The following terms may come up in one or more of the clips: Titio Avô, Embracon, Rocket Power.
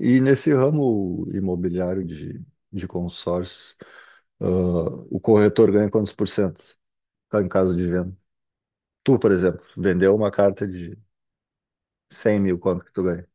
E nesse ramo imobiliário de consórcios, ah, o corretor ganha quantos por cento tá, em caso de venda? Tu, por exemplo, vendeu uma carta de 100 mil, quanto que tu ganha?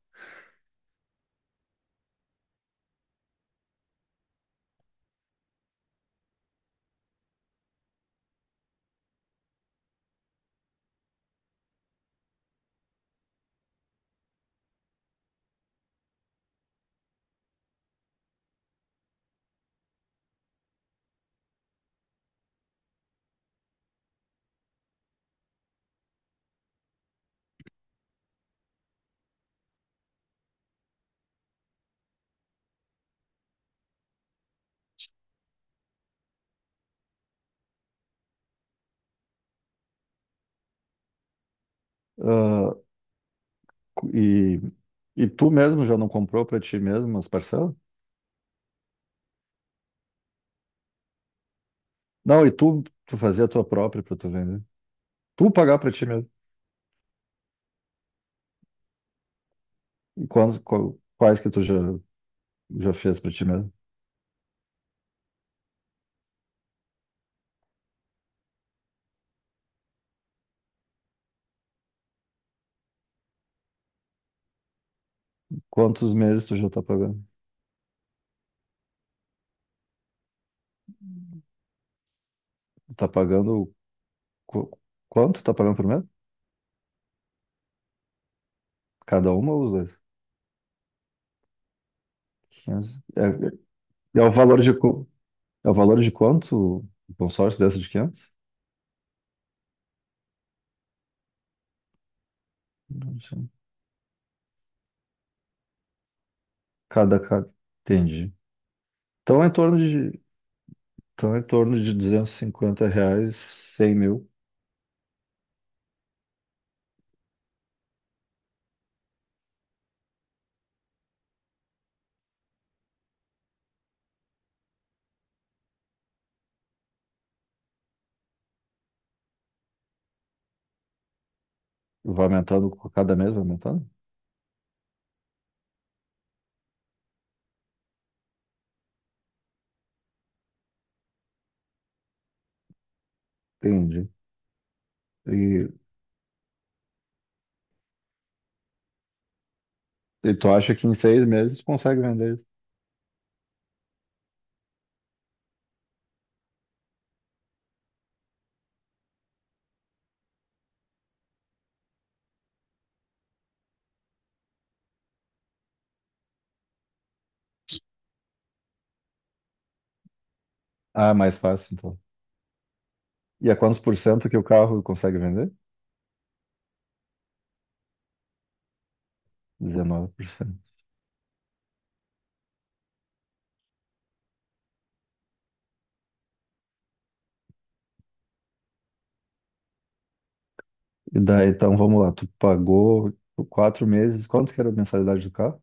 Ah, cu- e, e tu mesmo já não comprou para ti mesmo as parcelas? Não, e tu fazia a tua própria para tu vender. Tu pagar para ti mesmo. E quantos, quais que tu já fez para ti mesmo? Quantos meses tu já tá pagando? Tá pagando qu- quanto tá pagando por mês? Cada uma ou os dois? 500? É, e é o valor de, quanto o consórcio dessa de 500? Cada, cada. Entendi. Então é em torno de, então é em torno de 250 reais, 100 mil. Vai aumentando com cada mês, vai aumentando? Entendi. E, e tu acha que em 6 meses tu consegue vender isso? Ah, é mais fácil então. E a quantos por cento que o carro consegue vender? Dezenove por cento. E daí, então vamos lá, tu pagou 4 meses, quanto que era a mensalidade do carro?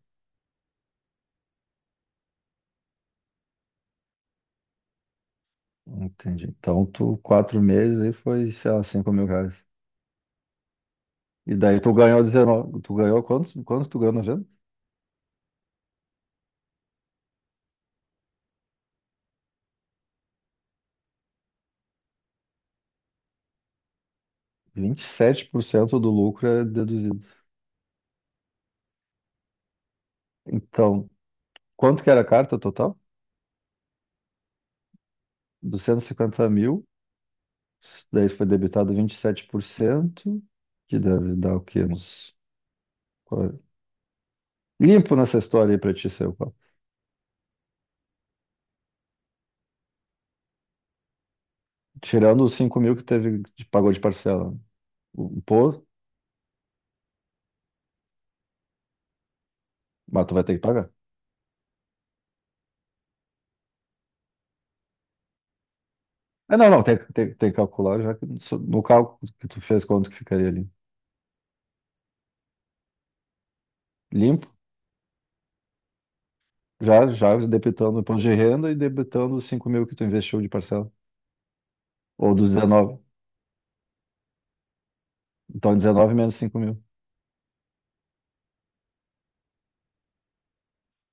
Entendi. Então, tu, quatro meses aí foi, sei lá, 5 mil reais. E daí tu ganhou 19, tu ganhou quantos tu ganhou na venda? 27% do lucro é deduzido. Então, quanto que era a carta total? 250 mil, daí foi debitado 27% que deve dar o quê? Qua- Limpo nessa história aí pra ti, seu Paulo. Tirando os cinco mil que teve, que pagou de parcela. O imposto, mas tu vai ter que pagar. É, não, não, tem que calcular já que no cálculo que tu fez, quanto que ficaria ali? Limpo, já debitando o imposto de renda e debitando os 5 mil que tu investiu de parcela. Ou dos 19. Então, 19 menos 5 mil.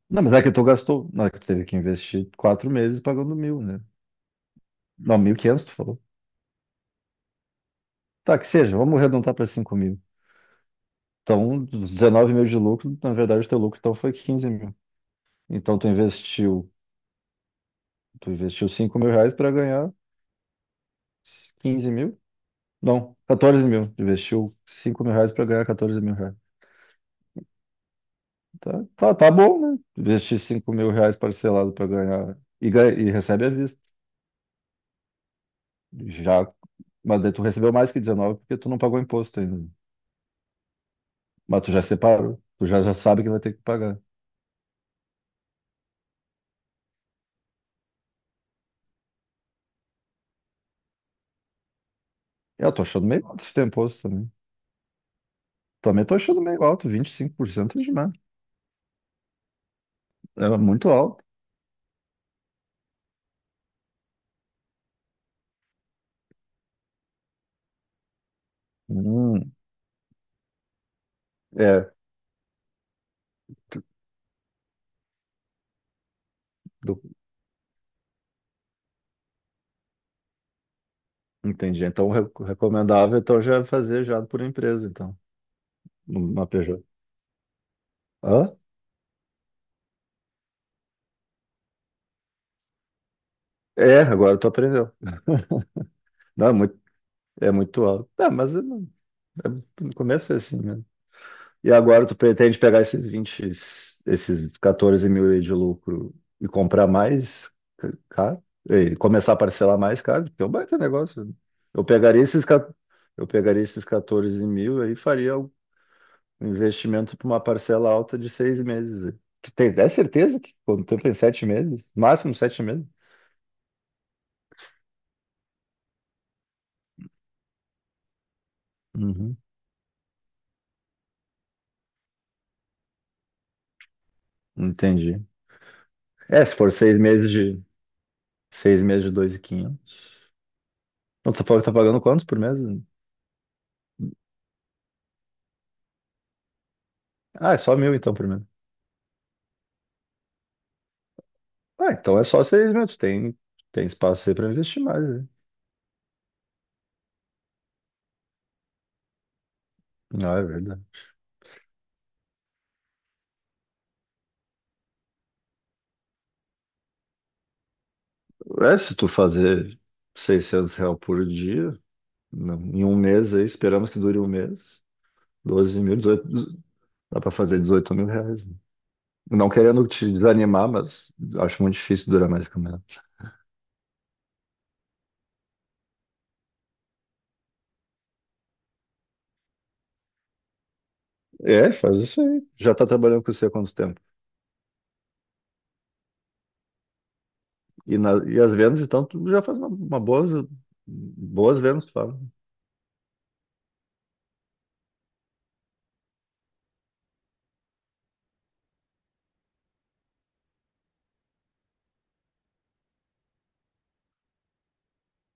Não, mas é que tu gastou. Não, é que tu teve que investir 4 meses pagando mil, né? Não, 1.500 tu falou. Tá, que seja, vamos arredondar para 5 mil. Então, dos 19 mil de lucro, na verdade, o teu lucro então foi 15 mil. Então, tu investiu 5 mil reais para ganhar 15 mil. Não, 14 mil. Investiu 5 mil reais para ganhar 14 mil reais. Tá, tá, tá bom, né? Investir 5 mil reais parcelado para ganhar e recebe à vista. Já, mas daí tu recebeu mais que 19 porque tu não pagou imposto ainda. Mas tu já separou. Tu já sabe que vai ter que pagar. Eu tô achando meio alto esse teu imposto também. Também tô achando meio alto, 25% é demais. É muito alto. Hum, é, tu- do- entendi. Então, o recomendável então, já é fazer já por empresa, então, numa PJ. Hã? É, agora tu aprendeu. Não, é muito alto. Tá, mas eu é- no começo é assim mesmo. E agora tu pretende pegar esses 14 mil aí de lucro e comprar mais caro? E começar a parcelar mais caro? Porque é um baita negócio, né? Eu pegaria esses, ca- eu pegaria esses 14 mil aí e faria um investimento para uma parcela alta de 6 meses aí. Que tem, é certeza que quanto tempo em 7 meses? Máximo 7 meses? Uhum. Entendi. É, se for 6 meses de. Seis meses de 2.500. Não, tu falou que tá pagando quantos por mês? Ah, é só mil então por mês. Ah, então é só 6 meses. Tu tem espaço aí pra investir mais, né? Não, é verdade. É, se tu fazer 600 reais por dia, não, em um mês aí, esperamos que dure um mês. 12 mil, 18, dá pra fazer 18 mil reais, né? Não querendo te desanimar, mas acho muito difícil durar mais que um mês. É, faz isso aí. Já tá trabalhando com você há quanto tempo? E as vendas, então, tu já faz uma boas vendas, tu fala.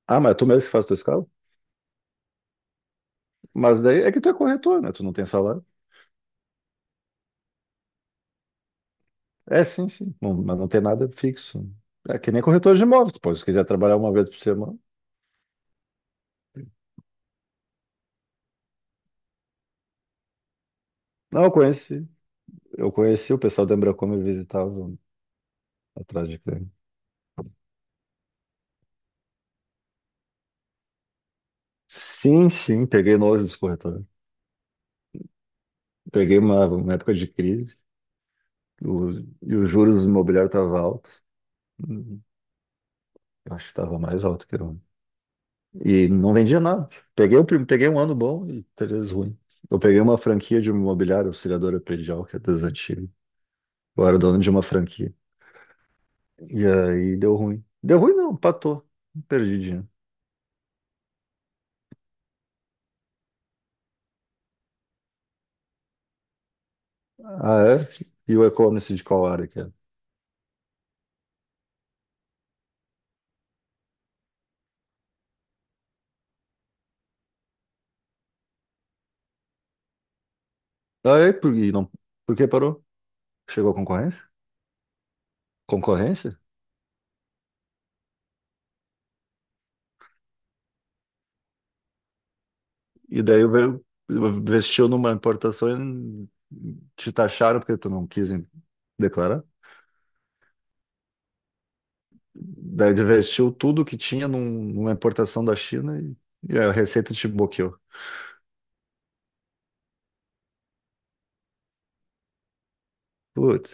Ah, mas é tu mesmo que faz tua escala? Mas daí é que tu é corretor, né? Tu não tem salário. É, sim, sim. Mas não tem nada fixo. É que nem corretor de imóveis. Tu pode, se quiser trabalhar uma vez por semana. Não, eu conheci. Eu conheci o pessoal da Embracon me visitava atrás de cliente. Sim, sim, peguei nojo dos corretores. Peguei uma época de crise o- e os juros imobiliários estavam altos. Hum, Eu acho que estava mais alto que eu. E não vendia nada. Peguei um ano bom e três ruim. Eu peguei uma franquia de imobiliária auxiliadora predial, que é das antigas. Eu era dono de uma franquia. E aí deu ruim. Deu ruim não, patou. Perdi dinheiro. Ah, é? E o e-commerce de qual área que era? Ah, é? Por, e não, por que parou? Chegou a concorrência? Concorrência? E daí veio, investiu numa importação e te taxaram porque tu não quis declarar? Daí investiu tudo que tinha numa importação da China e a receita te bloqueou. Putz,